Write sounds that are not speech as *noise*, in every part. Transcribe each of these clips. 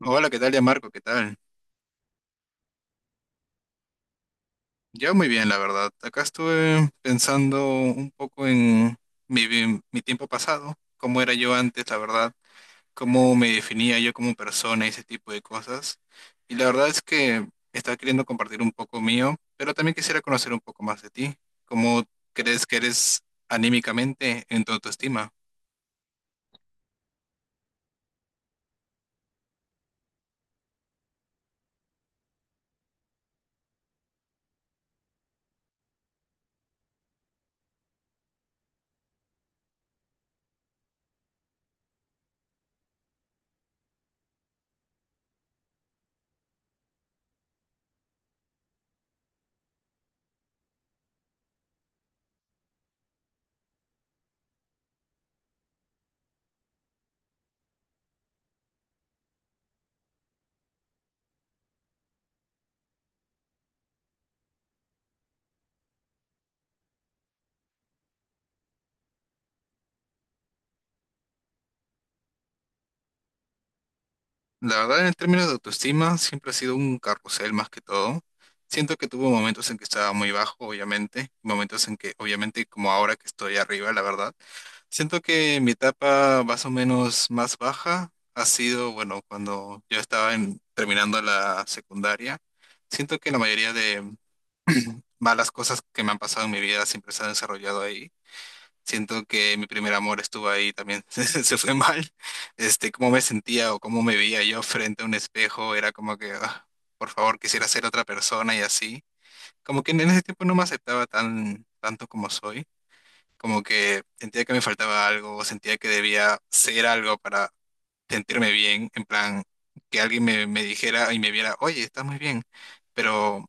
Hola, ¿qué tal, ya Marco? ¿Qué tal? Yo muy bien, la verdad. Acá estuve pensando un poco en mi tiempo pasado, cómo era yo antes, la verdad, cómo me definía yo como persona y ese tipo de cosas. Y la verdad es que estaba queriendo compartir un poco mío, pero también quisiera conocer un poco más de ti. ¿Cómo crees que eres anímicamente en tu autoestima? La verdad, en términos de autoestima, siempre ha sido un carrusel más que todo. Siento que tuvo momentos en que estaba muy bajo, obviamente, momentos en que, obviamente, como ahora que estoy arriba, la verdad. Siento que mi etapa más o menos más baja ha sido, bueno, cuando yo terminando la secundaria. Siento que la mayoría de malas cosas que me han pasado en mi vida siempre se han desarrollado ahí. Siento que mi primer amor estuvo ahí también, *laughs* se fue mal. Este, cómo me sentía o cómo me veía yo frente a un espejo, era como que, "Ah, por favor, quisiera ser otra persona y así". Como que en ese tiempo no me aceptaba tanto como soy, como que sentía que me faltaba algo, o sentía que debía ser algo para sentirme bien, en plan, que me dijera y me viera, oye, estás muy bien, pero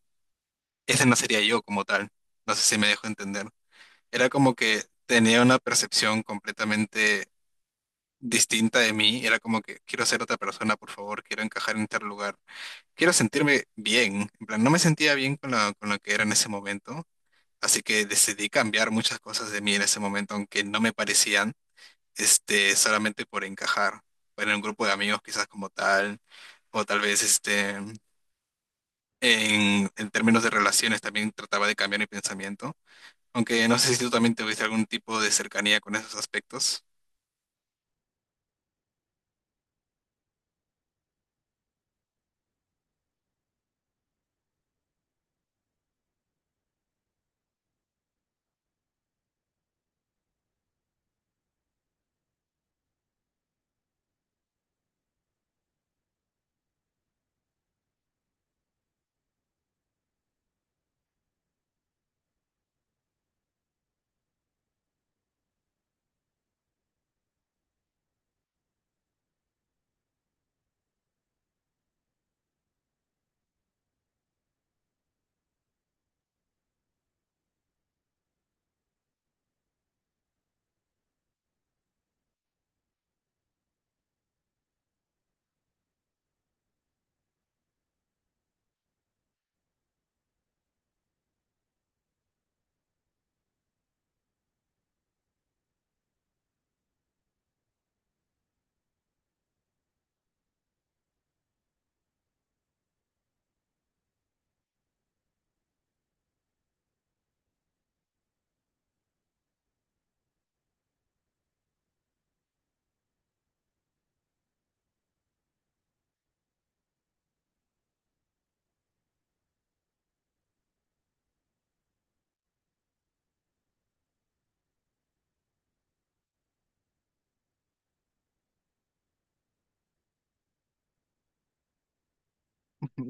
ese no sería yo como tal. No sé si me dejo entender. Era como que tenía una percepción completamente distinta de mí, era como que quiero ser otra persona, por favor, quiero encajar en tal lugar, quiero sentirme bien, en plan, no me sentía bien con con lo que era en ese momento, así que decidí cambiar muchas cosas de mí en ese momento, aunque no me parecían, este, solamente por encajar, en un grupo de amigos quizás como tal, o tal vez, este, en términos de relaciones también trataba de cambiar mi pensamiento, aunque no sé si tú también tuviste algún tipo de cercanía con esos aspectos.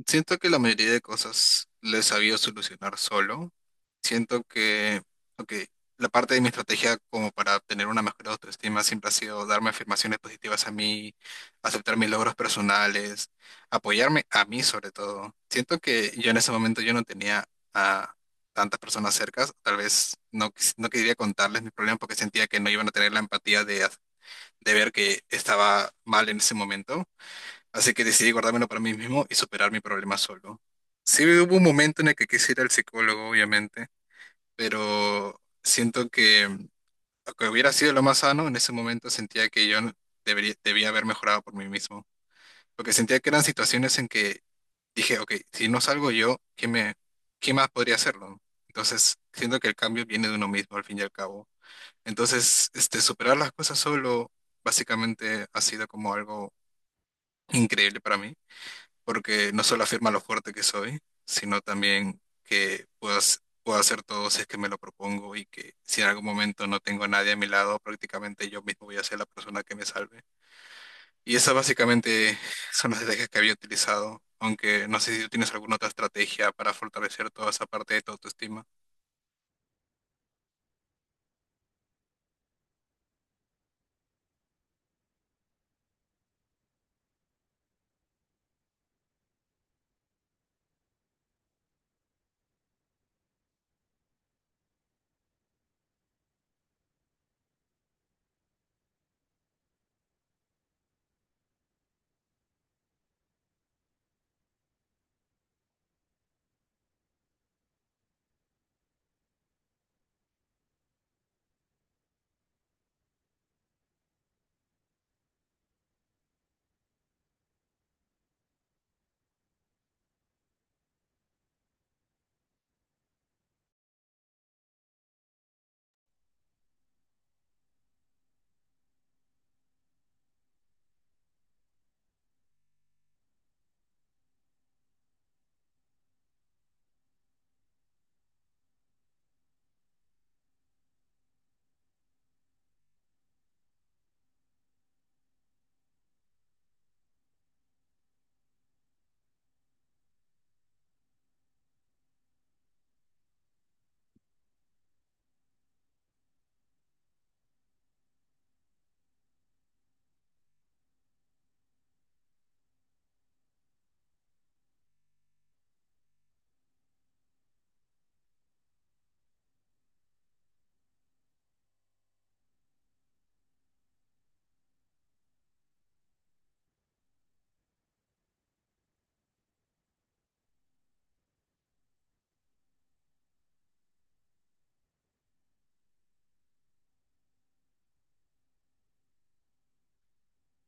Siento que la mayoría de cosas le he sabido solucionar solo. Siento que, ok, la parte de mi estrategia como para tener una mejor autoestima siempre ha sido darme afirmaciones positivas a mí, aceptar mis logros personales, apoyarme a mí sobre todo. Siento que yo en ese momento yo no tenía a tantas personas cercas, tal vez no, no quería contarles mis problemas porque sentía que no iban a tener la empatía de ver que estaba mal en ese momento, así que decidí guardármelo para mí mismo y superar mi problema solo. Sí hubo un momento en el que quise ir al psicólogo, obviamente, pero siento que, aunque hubiera sido lo más sano, en ese momento sentía que yo no debía haber mejorado por mí mismo, porque sentía que eran situaciones en que dije, ok, si no salgo yo, ¿quién más podría hacerlo? Entonces, siento que el cambio viene de uno mismo, al fin y al cabo. Entonces, este, superar las cosas solo, básicamente, ha sido como algo increíble para mí porque no solo afirma lo fuerte que soy, sino también que puedo hacer todo si es que me lo propongo, y que si en algún momento no tengo a nadie a mi lado, prácticamente yo mismo voy a ser la persona que me salve. Y esas básicamente son las estrategias que había utilizado, aunque no sé si tú tienes alguna otra estrategia para fortalecer toda esa parte de tu autoestima.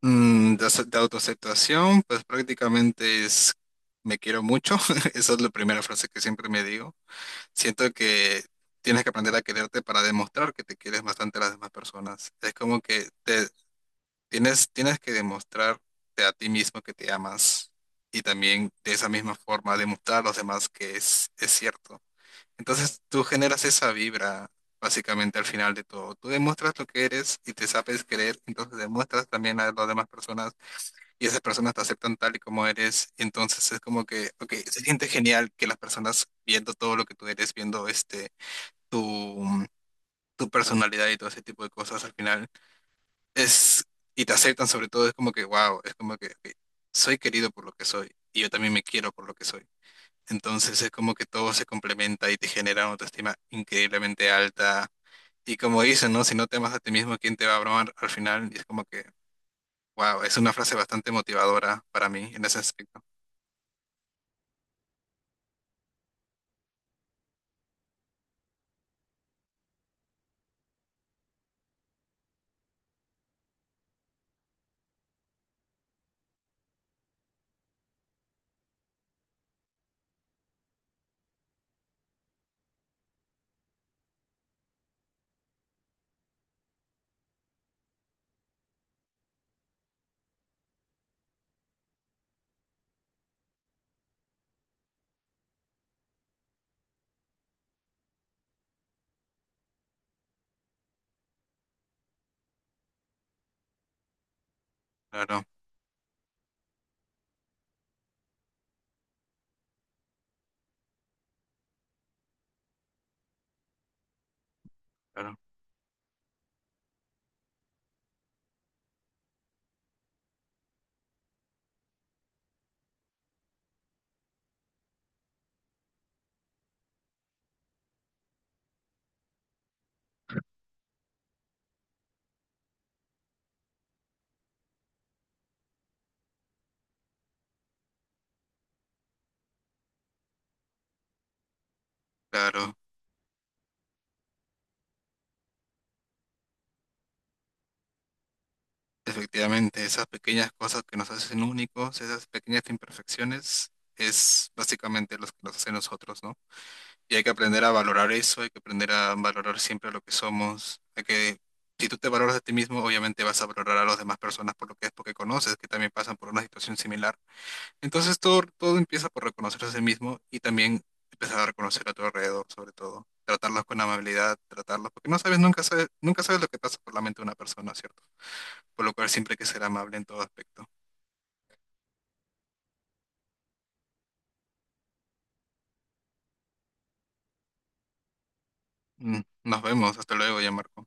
Mm, de autoaceptación, pues prácticamente es me quiero mucho, *laughs* esa es la primera frase que siempre me digo. Siento que tienes que aprender a quererte para demostrar que te quieres bastante a las demás personas. Es como que te tienes que demostrarte a ti mismo que te amas y también de esa misma forma demostrar a los demás que es cierto. Entonces tú generas esa vibra básicamente al final de todo. Tú demuestras lo que eres y te sabes querer, entonces demuestras también a las demás personas y esas personas te aceptan tal y como eres. Entonces es como que, ok, se siente genial que las personas viendo todo lo que tú eres, viendo este tu, tu personalidad y todo ese tipo de cosas al final es, y te aceptan sobre todo, es como que, wow, es como que ok, soy querido por lo que soy y yo también me quiero por lo que soy. Entonces es como que todo se complementa y te genera una autoestima increíblemente alta. Y como dicen, ¿no? Si no te amas a ti mismo, ¿quién te va a amar al final? Y es como que, wow, es una frase bastante motivadora para mí en ese aspecto. Claro, claro, claro. Efectivamente, esas pequeñas cosas que nos hacen únicos, esas pequeñas imperfecciones, es básicamente lo que nos hace nosotros, ¿no? Y hay que aprender a valorar eso, hay que aprender a valorar siempre lo que somos. Hay que, si tú te valoras a ti mismo, obviamente vas a valorar a las demás personas por lo que es, porque conoces que también pasan por una situación similar. Entonces todo empieza por reconocerse a sí mismo y también empezar a reconocer a tu alrededor, sobre todo. Tratarlos con amabilidad, tratarlos, porque no sabes, nunca sabes lo que pasa por la mente de una persona, ¿cierto? Por lo cual siempre hay que ser amable en todo aspecto. Mm. Nos vemos, hasta luego, ya Marco.